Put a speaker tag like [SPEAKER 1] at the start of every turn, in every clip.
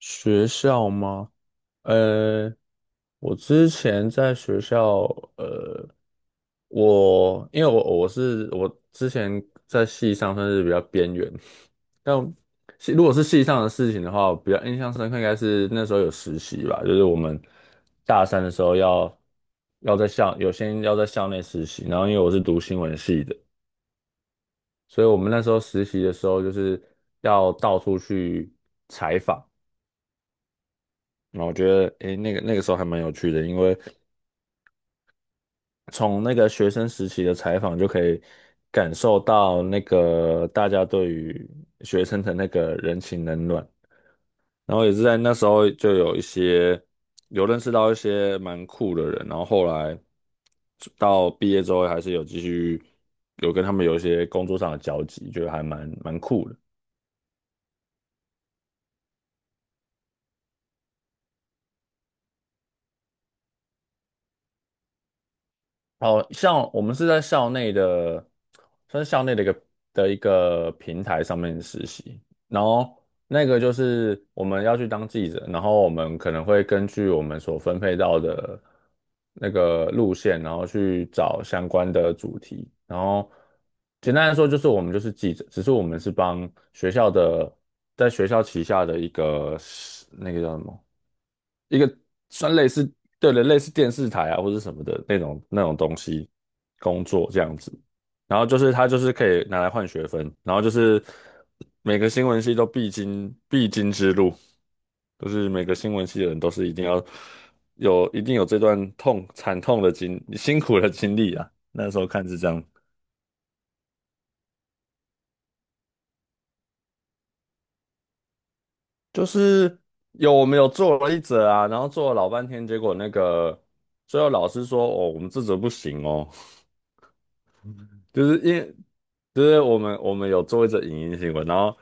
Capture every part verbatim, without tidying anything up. [SPEAKER 1] 学校吗？呃，我之前在学校，呃，我因为我我是我之前在系上算是比较边缘，但系如果是系上的事情的话，比较印象深刻应该是那时候有实习吧，就是我们大三的时候要要在校有些要在校内实习，然后因为我是读新闻系的，所以我们那时候实习的时候就是要到处去采访。那我觉得，诶，那个那个时候还蛮有趣的，因为从那个学生时期的采访就可以感受到那个大家对于学生的那个人情冷暖，然后也是在那时候就有一些有认识到一些蛮酷的人，然后后来到毕业之后还是有继续有跟他们有一些工作上的交集，就还蛮蛮酷的。哦，像我们是在校内的，算是校内的一个的一个平台上面实习，然后那个就是我们要去当记者，然后我们可能会根据我们所分配到的那个路线，然后去找相关的主题，然后简单来说就是我们就是记者，只是我们是帮学校的，在学校旗下的一个那个叫什么？一个算类似，对的，类似电视台啊或者什么的那种那种东西工作这样子。然后就是他就是可以拿来换学分，然后就是每个新闻系都必经必经之路，就是每个新闻系的人都是一定要有一定有这段痛惨痛的经辛苦的经历啊。那时候看是这样，就是有我们有做了一则啊，然后做了老半天，结果那个最后老师说哦，我们这则不行哦。就是因为就是我们我们有做一则影音新闻，然后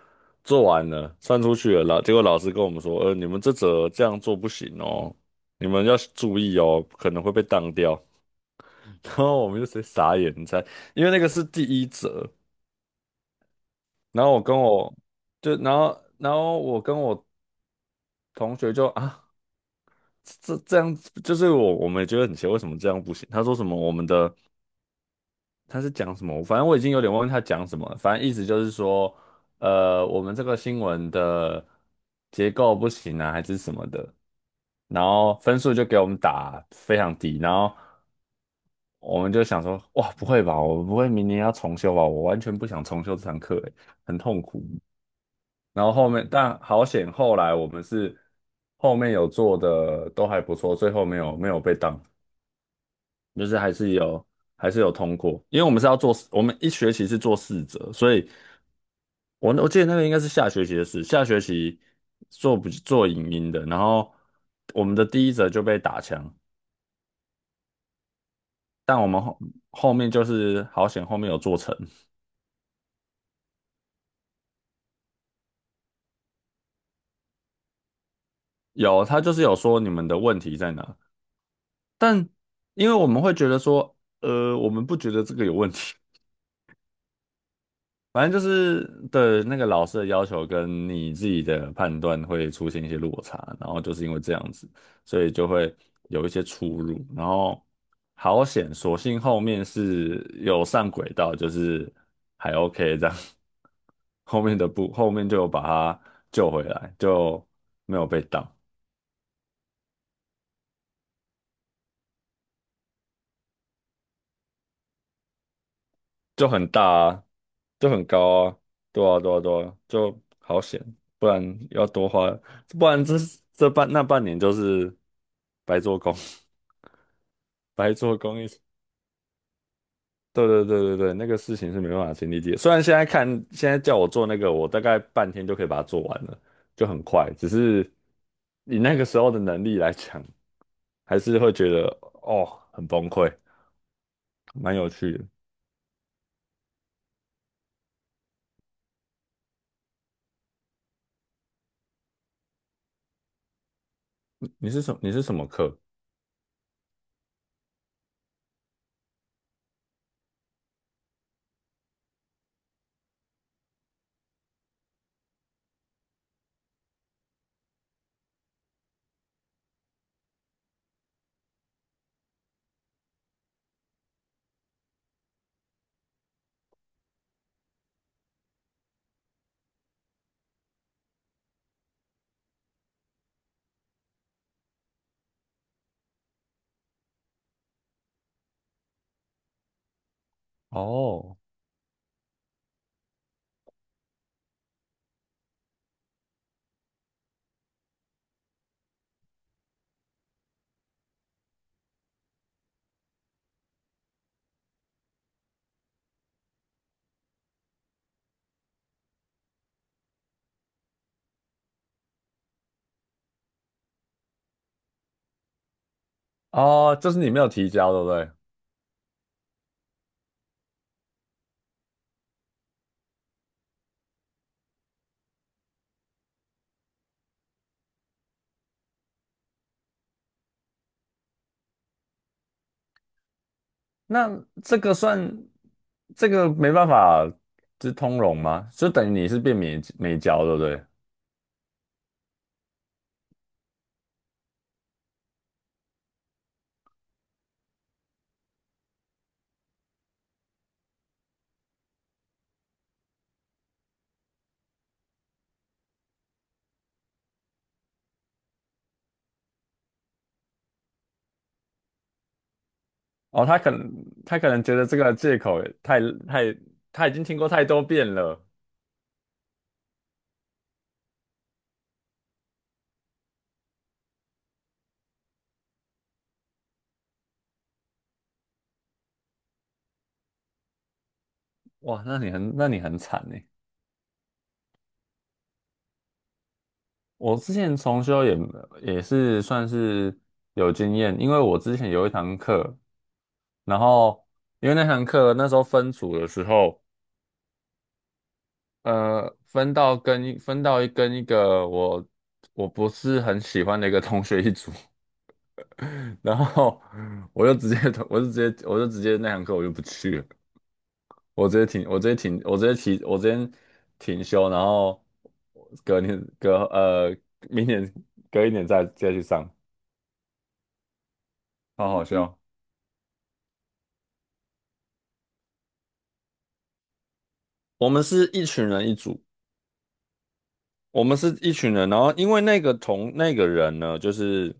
[SPEAKER 1] 做完了算出去了，老结果老师跟我们说，呃，你们这则这样做不行哦，你们要注意哦，可能会被当掉。然后我们就直接傻眼，你猜，因为那个是第一则，然后我跟我就然后然后我跟我同学就啊，这这样子就是我我们也觉得很奇怪，为什么这样不行？他说什么我们的。他是讲什么？反正我已经有点忘记他讲什么了反正意思就是说，呃，我们这个新闻的结构不行啊，还是什么的，然后分数就给我们打非常低，然后我们就想说，哇，不会吧，我不会明年要重修吧？我完全不想重修这堂课，欸很痛。然后后面，但好险，后来我们是后面有做的都还不错，最后没有没有被当，就是还是有还是有通过，因为我们是要做四我们一学期是做四折，所以。我我记得那个应该是下学期的事，下学期做不做影音的，然后我们的第一则就被打枪，但我们后后面就是好险后面有做成，有他就是有说你们的问题在哪，但因为我们会觉得说，呃，我们不觉得这个有问题，反正就是对那个老师的要求跟你自己的判断会出现一些落差，然后就是因为这样子，所以就会有一些出入。然后好险，所幸后面是有上轨道，就是还 OK 这样。后面的不，后面就有把他救回来，就没有被挡。就很大啊，就很高啊，对啊，对啊，对啊，就好险，不然要多花，不然这这半那半年就是白做工，白做工一，对对对对对，那个事情是没办法亲力解。虽然现在看，现在叫我做那个，我大概半天就可以把它做完了，就很快，只是以那个时候的能力来讲，还是会觉得哦很崩溃，蛮有趣的。你是什你是什么课？哦，哦，就是你没有提交，对不对？那这个算这个没办法，就是通融吗？就等于你是变没没交，对不对？哦，他可能他可能觉得这个借口也太太他已经听过太多遍了，哇，那你很那你很惨呢。我之前重修也也是算是有经验，因为我之前有一堂课，然后因为那堂课那时候分组的时候。呃，分到跟分到跟一个我我不是很喜欢的一个同学一组，然后我就直接我就直接我就直接那堂课我就不去了，我直接停我直接停我直接提我直接停休，然后隔年隔呃明年隔一年再再去上，好好笑。我们是一群人一组，我们是一群人，然后因为那个同那个人呢，就是。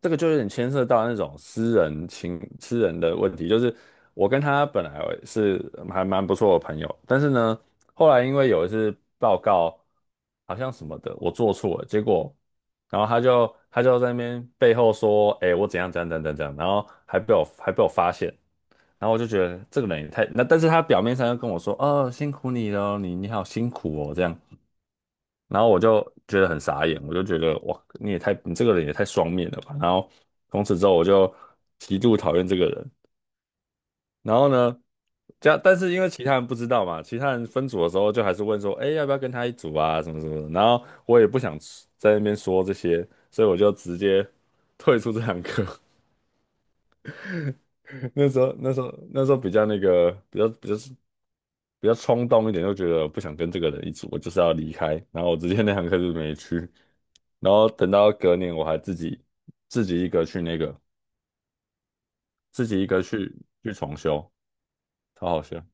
[SPEAKER 1] 这个就有点牵涉到那种私人情、私人的问题。就是我跟他本来是还蛮不错的朋友，但是呢，后来因为有一次报告好像什么的，我做错了，结果然后他就他就在那边背后说：“哎、我怎样怎样怎样怎样。”然后还被我还被我发现，然后我就觉得这个人也太……那但是他表面上又跟我说：“哦，辛苦你了，你你好辛苦哦。”这样，然后我就觉得很傻眼，我就觉得哇，你也太你这个人也太双面了吧。然后从此之后我就极度讨厌这个人。然后呢，这样但是因为其他人不知道嘛，其他人分组的时候就还是问说，哎，要不要跟他一组啊，什么什么的。然后我也不想在那边说这些，所以我就直接退出这堂课。那时候那时候那时候比较那个比较比较比较冲动一点，就觉得不想跟这个人一组，我就是要离开。然后我直接那堂课就没去。然后等到隔年，我还自己自己一个去那个自己一个去去重修，超好笑。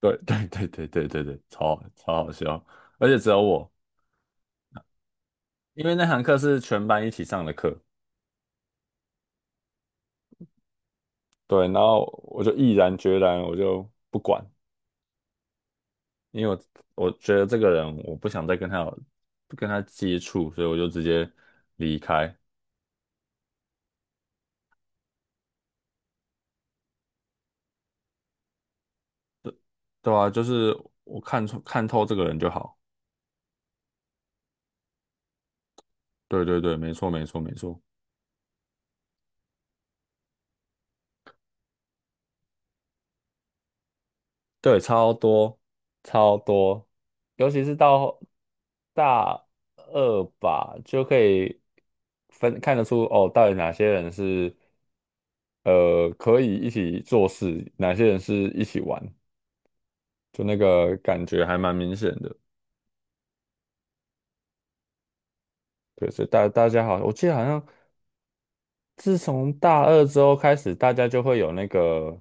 [SPEAKER 1] 对对对对对对对，超超好笑，而且只有我，因为那堂课是全班一起上的课。对，然后我就毅然决然，我就不管，因为我我觉得这个人我不想再跟他有跟他接触，所以我就直接离开。对啊，就是我看出看透这个人就好。对对对，没错没错没错，对，超多超多，尤其是到大二吧，就可以分看得出哦，到底哪些人是呃可以一起做事，哪些人是一起玩，就那个感觉还蛮明显的。对，所以大大家好，我记得好像自从大二之后开始，大家就会有那个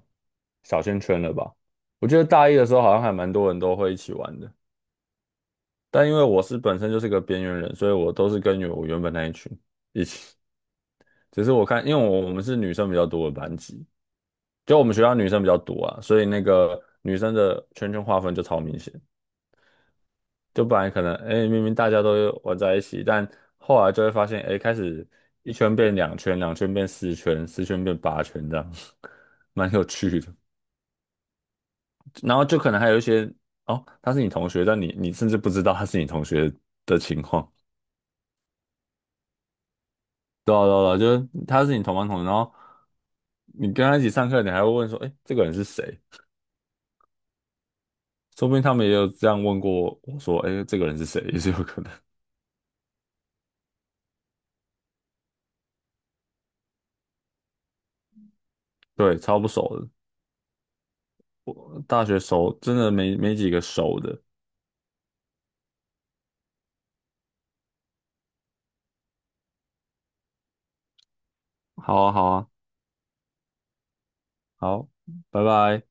[SPEAKER 1] 小圈圈了吧？我记得大一的时候好像还蛮多人都会一起玩的，但因为我是本身就是个边缘人，所以我都是跟我原本那一群一起。只是我看，因为我我们是女生比较多的班级，就我们学校女生比较多啊，所以那个女生的圈圈划分就超明显。就本来可能，哎，明明大家都玩在一起，但后来就会发现，哎，开始一圈变两圈，两圈变四圈，四圈变八圈，这样 蛮有趣的。然后就可能还有一些，哦，他是你同学，但你你甚至不知道他是你同学的情况。对啊，对啊，对啊就是他是你同班同学，然后你跟他一起上课，你还会问说，哎，这个人是谁？说不定他们也有这样问过我说，哎，这个人是谁，也是有可能。对，超不熟的，大学熟真的没没几个熟的。好啊，好啊。好，拜拜。